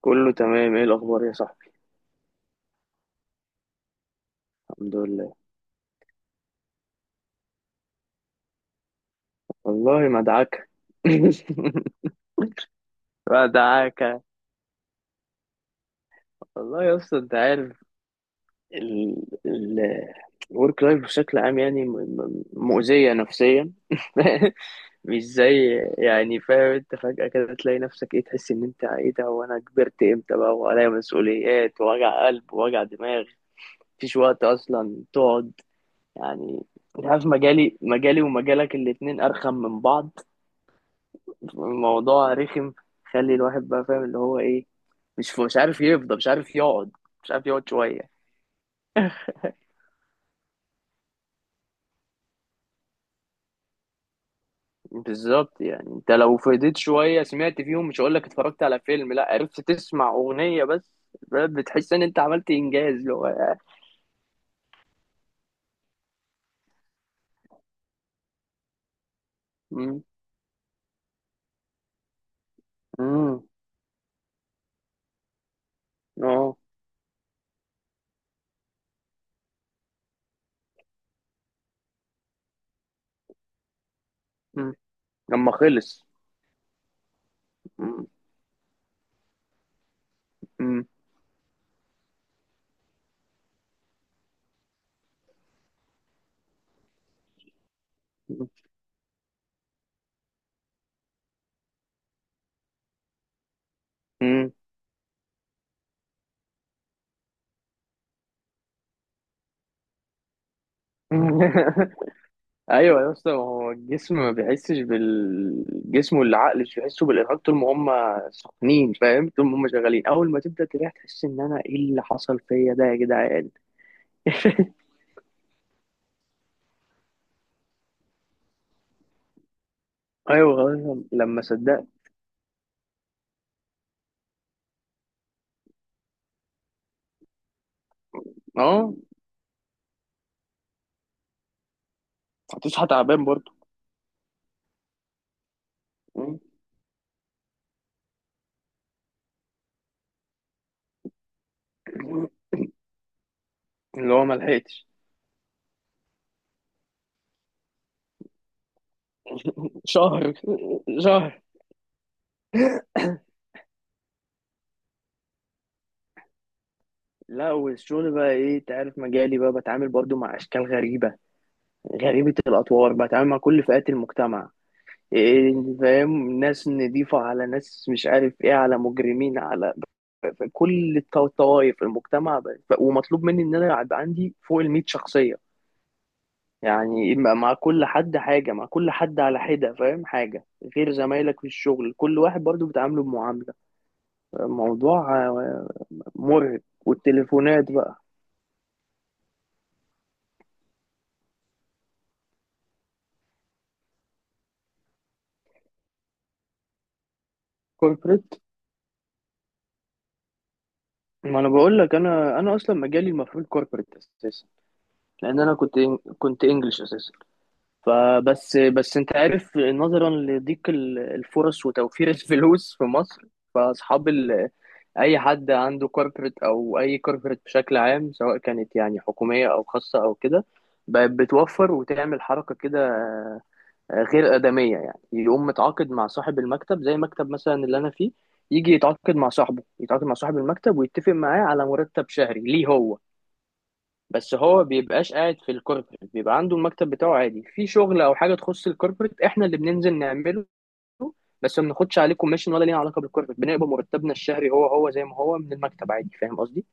كله تمام. ايه الاخبار يا صاحبي؟ الحمد لله. والله مدعكه مدعكه. والله يا اسطى انت عارف، ال ال الورك لايف بشكل عام يعني مؤذيه نفسيا. مش زي، يعني، فاهم؟ انت فجاه كده تلاقي نفسك ايه، تحس ان انت ايه ده، وانا كبرت امتى بقى، وعليا مسؤوليات ووجع قلب ووجع دماغ. مفيش وقت اصلا تقعد، يعني. انت عارف، مجالي ومجالك الاتنين ارخم من بعض. الموضوع رخم. خلي الواحد بقى فاهم اللي هو ايه. مش عارف يفضى، مش عارف يقعد، مش عارف يقعد شويه. بالظبط، يعني انت لو فضيت شويه سمعت فيهم، مش هقول لك اتفرجت على فيلم، لا، عرفت تسمع اغنيه بس، بتحس ان انت عملت انجاز، اللي هو، يعني، مم. مم. اه. مم. لما خلص. مم. مم. مم. ايوه يا اسطى، هو الجسم ما بيحسش بالجسم، والعقل مش بيحسوا بالارهاق طول ما هم سخنين، فاهم، طول ما هم شغالين. اول ما تبدا تريح تحس ان انا ايه اللي حصل فيا ده يا جدعان. ايوه خلاص، لما صدقت. اه. هتصحى تعبان برضه. اللي هو ما لحقتش. شهر. شهر. لا، والشغل بقى ايه، انت عارف مجالي بقى بتعامل برضو مع اشكال غريبه غريبه الاطوار، بتعامل مع كل فئات المجتمع. إيه، فاهم، ناس نضيفة على ناس مش عارف ايه، على مجرمين، على الطوائف المجتمع ومطلوب مني ان انا يبقى عندي فوق ال 100 شخصية. يعني مع كل حد حاجة، مع كل حد على حدة، فاهم حاجة، غير زمايلك في الشغل كل واحد برضو بتعامله بمعاملة. موضوع مرهق. والتليفونات بقى. كوربريت. ما انا بقول لك، انا اصلا مجالي المفروض كوربريت اساسا. لان انا كنت انجلش اساسا. فبس انت عارف نظرا لضيق الفرص وتوفير الفلوس في مصر. فاصحاب ال. اي حد عنده كوربريت او اي كوربريت بشكل عام، سواء كانت يعني حكوميه او خاصه او كده، بقت بتوفر وتعمل حركه كده غير ادميه. يعني يقوم متعاقد مع صاحب المكتب، زي مكتب مثلا اللي انا فيه، يجي يتعاقد مع صاحبه، يتعاقد مع صاحب المكتب، ويتفق معاه على مرتب شهري ليه هو. بس هو بيبقاش قاعد في الكوربريت، بيبقى عنده المكتب بتاعه عادي. في شغل او حاجه تخص الكوربريت احنا اللي بننزل نعمله. بس ما بناخدش عليه كوميشن، ولا لينا علاقه بالكوربريت. بنقبض مرتبنا الشهري هو هو زي ما هو من المكتب عادي، فاهم قصدي.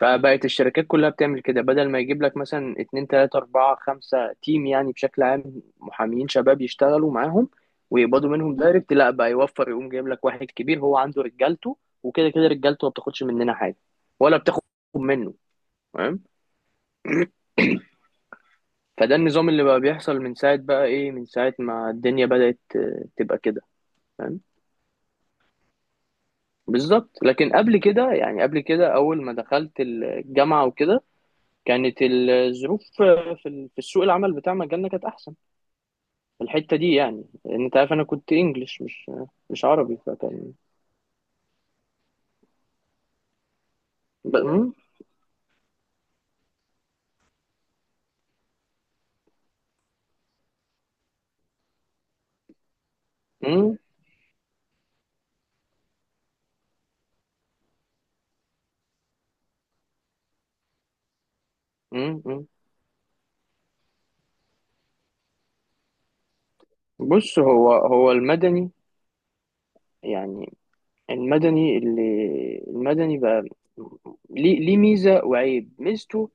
فبقت الشركات كلها بتعمل كده، بدل ما يجيب لك مثلا اتنين تلاته اربعه خمسه تيم، يعني بشكل عام محامين شباب يشتغلوا معاهم ويقبضوا منهم دايركت، لا بقى يوفر، يقوم جايب لك واحد كبير هو عنده رجالته، وكده كده رجالته ما بتاخدش مننا حاجه ولا بتاخد منه. فده النظام اللي بقى بيحصل من ساعة بقى ايه، من ساعة ما الدنيا بدأت تبقى كده، فاهم. بالظبط. لكن قبل كده، يعني قبل كده، أول ما دخلت الجامعة وكده، كانت الظروف في في السوق العمل بتاع مجالنا كانت أحسن في الحتة دي، يعني لأن أنت عارف أنا كنت إنجليش، مش مش عربي، فكان مم. مم. مم. مم. بص، هو هو المدني، يعني المدني اللي، المدني بقى ليه، ليه ميزة وعيب. ميزته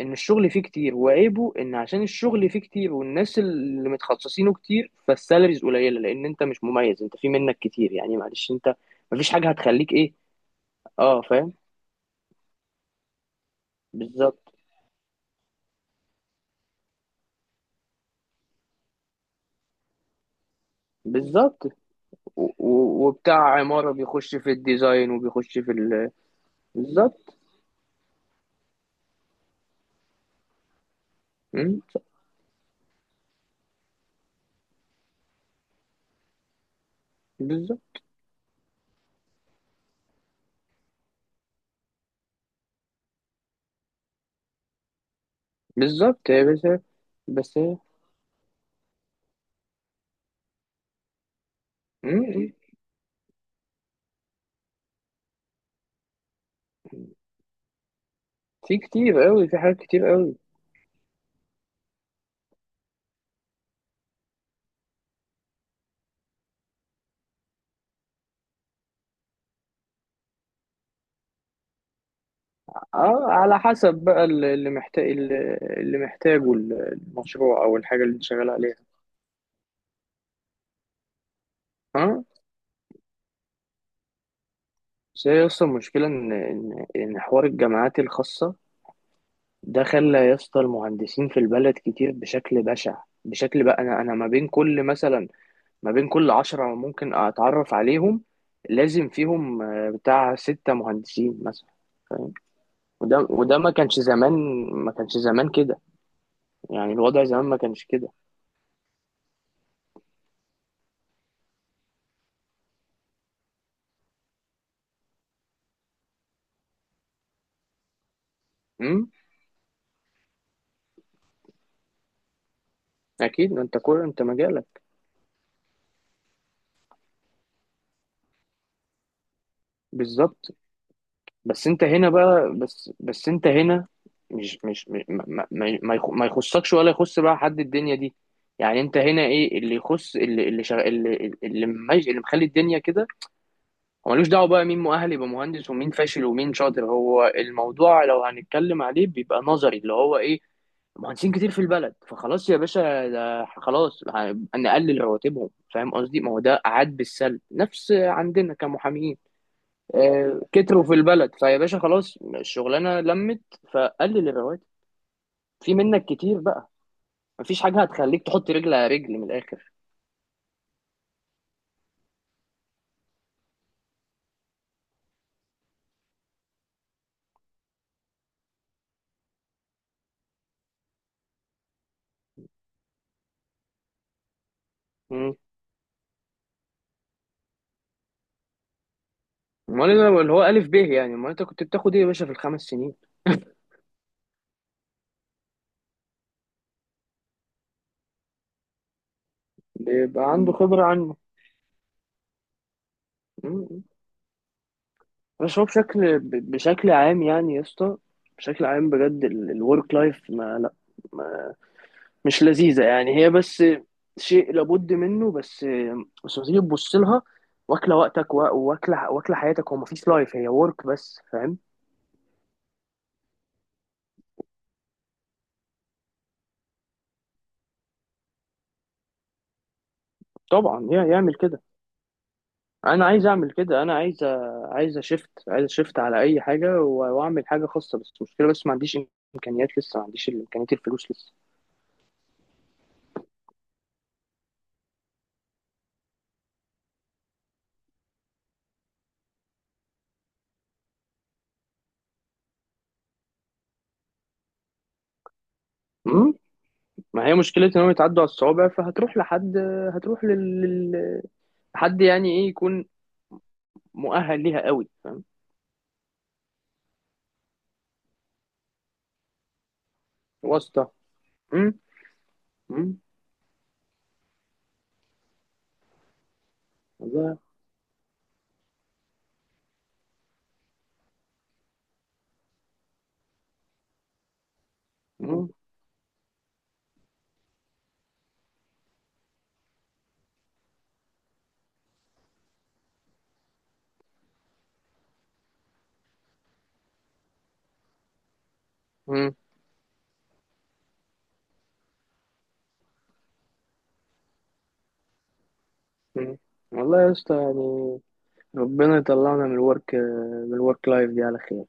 ان الشغل فيه كتير، وعيبه ان عشان الشغل فيه كتير والناس اللي متخصصينه كتير فالسالاريز قليله، لان انت مش مميز، انت في منك كتير، يعني معلش انت مفيش حاجه هتخليك ايه. اه فاهم. بالظبط. بالظبط. وبتاع عماره بيخش في الديزاين وبيخش في ال. بالظبط. مم، بالظبط. بالظبط هي بس، بس هي، مم، في كتير قوي، في حاجات كتير قوي. اه، على حسب بقى اللي محتاج، اللي محتاجه المشروع او الحاجه اللي انت شغال عليها. اه، بس هي يا اسطى، المشكلة إن حوار الجامعات الخاصة ده خلى يا اسطى المهندسين في البلد كتير بشكل بشع. بشكل بقى أنا ما بين كل مثلا، ما بين كل عشرة ممكن أتعرف عليهم لازم فيهم آه، بتاع 6 مهندسين مثلا، فاهم. وده ما كانش زمان، ما كانش زمان كده. يعني الوضع زمان ما كانش كده. امم. أكيد، ما أنت كل أنت مجالك. بالظبط. بس انت هنا بقى، بس انت هنا مش مش م- ما, ما, ما يخ- ما يخصكش ولا يخص بقى حد الدنيا دي. يعني انت هنا ايه اللي يخص، اللي اللي شغ... اللي اللي, مج... اللي مخلي الدنيا كده. هو ملوش دعوه بقى مين مؤهل يبقى مهندس ومين فاشل ومين شاطر. هو الموضوع لو هنتكلم عليه بيبقى نظري، اللي هو ايه، مهندسين كتير في البلد، فخلاص يا باشا، ده خلاص نقلل رواتبهم، فاهم قصدي. ما هو ده عاد بالسلب نفس عندنا كمحامين آه، كتروا في البلد، فيا باشا خلاص الشغلانه لمت. فقلل الرواتب. في منك كتير بقى. مفيش حاجه هتخليك تحط رجل على رجل من الاخر. مم. امال اللي هو الف ب، يعني امال انت كنت بتاخد ايه يا باشا في ال 5 سنين؟ بيبقى عنده خبره عنه. مم. بس هو بشكل بشكل عام يعني يا اسطى، بشكل عام بجد الورك لايف ما، لا، مش لذيذة، يعني هي بس شيء لابد منه، بس لما تيجي تبص لها واكلة وقتك، واكلة حياتك، هو مفيش لايف، هي ورك بس، فاهم. طبعا هي يعمل كده. انا عايز اعمل كده. انا عايز اشفت على اي حاجة واعمل حاجة خاصة، بس المشكلة بس ما عنديش امكانيات لسه، ما عنديش امكانيات، الفلوس لسه. مم. ما هي مشكلة انهم يتعدوا على الصوابع، فهتروح لحد، هتروح لل... لل- حد يعني ايه، يكون مؤهل ليها قوي، فاهم. واسطة. مم. مم. والله. مم. مم. مم. والله يا اسطى، يعني ربنا يطلعنا من الورك، من الورك لايف دي على خير.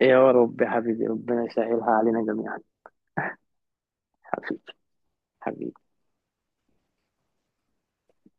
إيه، يا رب يا حبيبي، ربنا يسهلها علينا جميعا. حبيبي. حبيبي.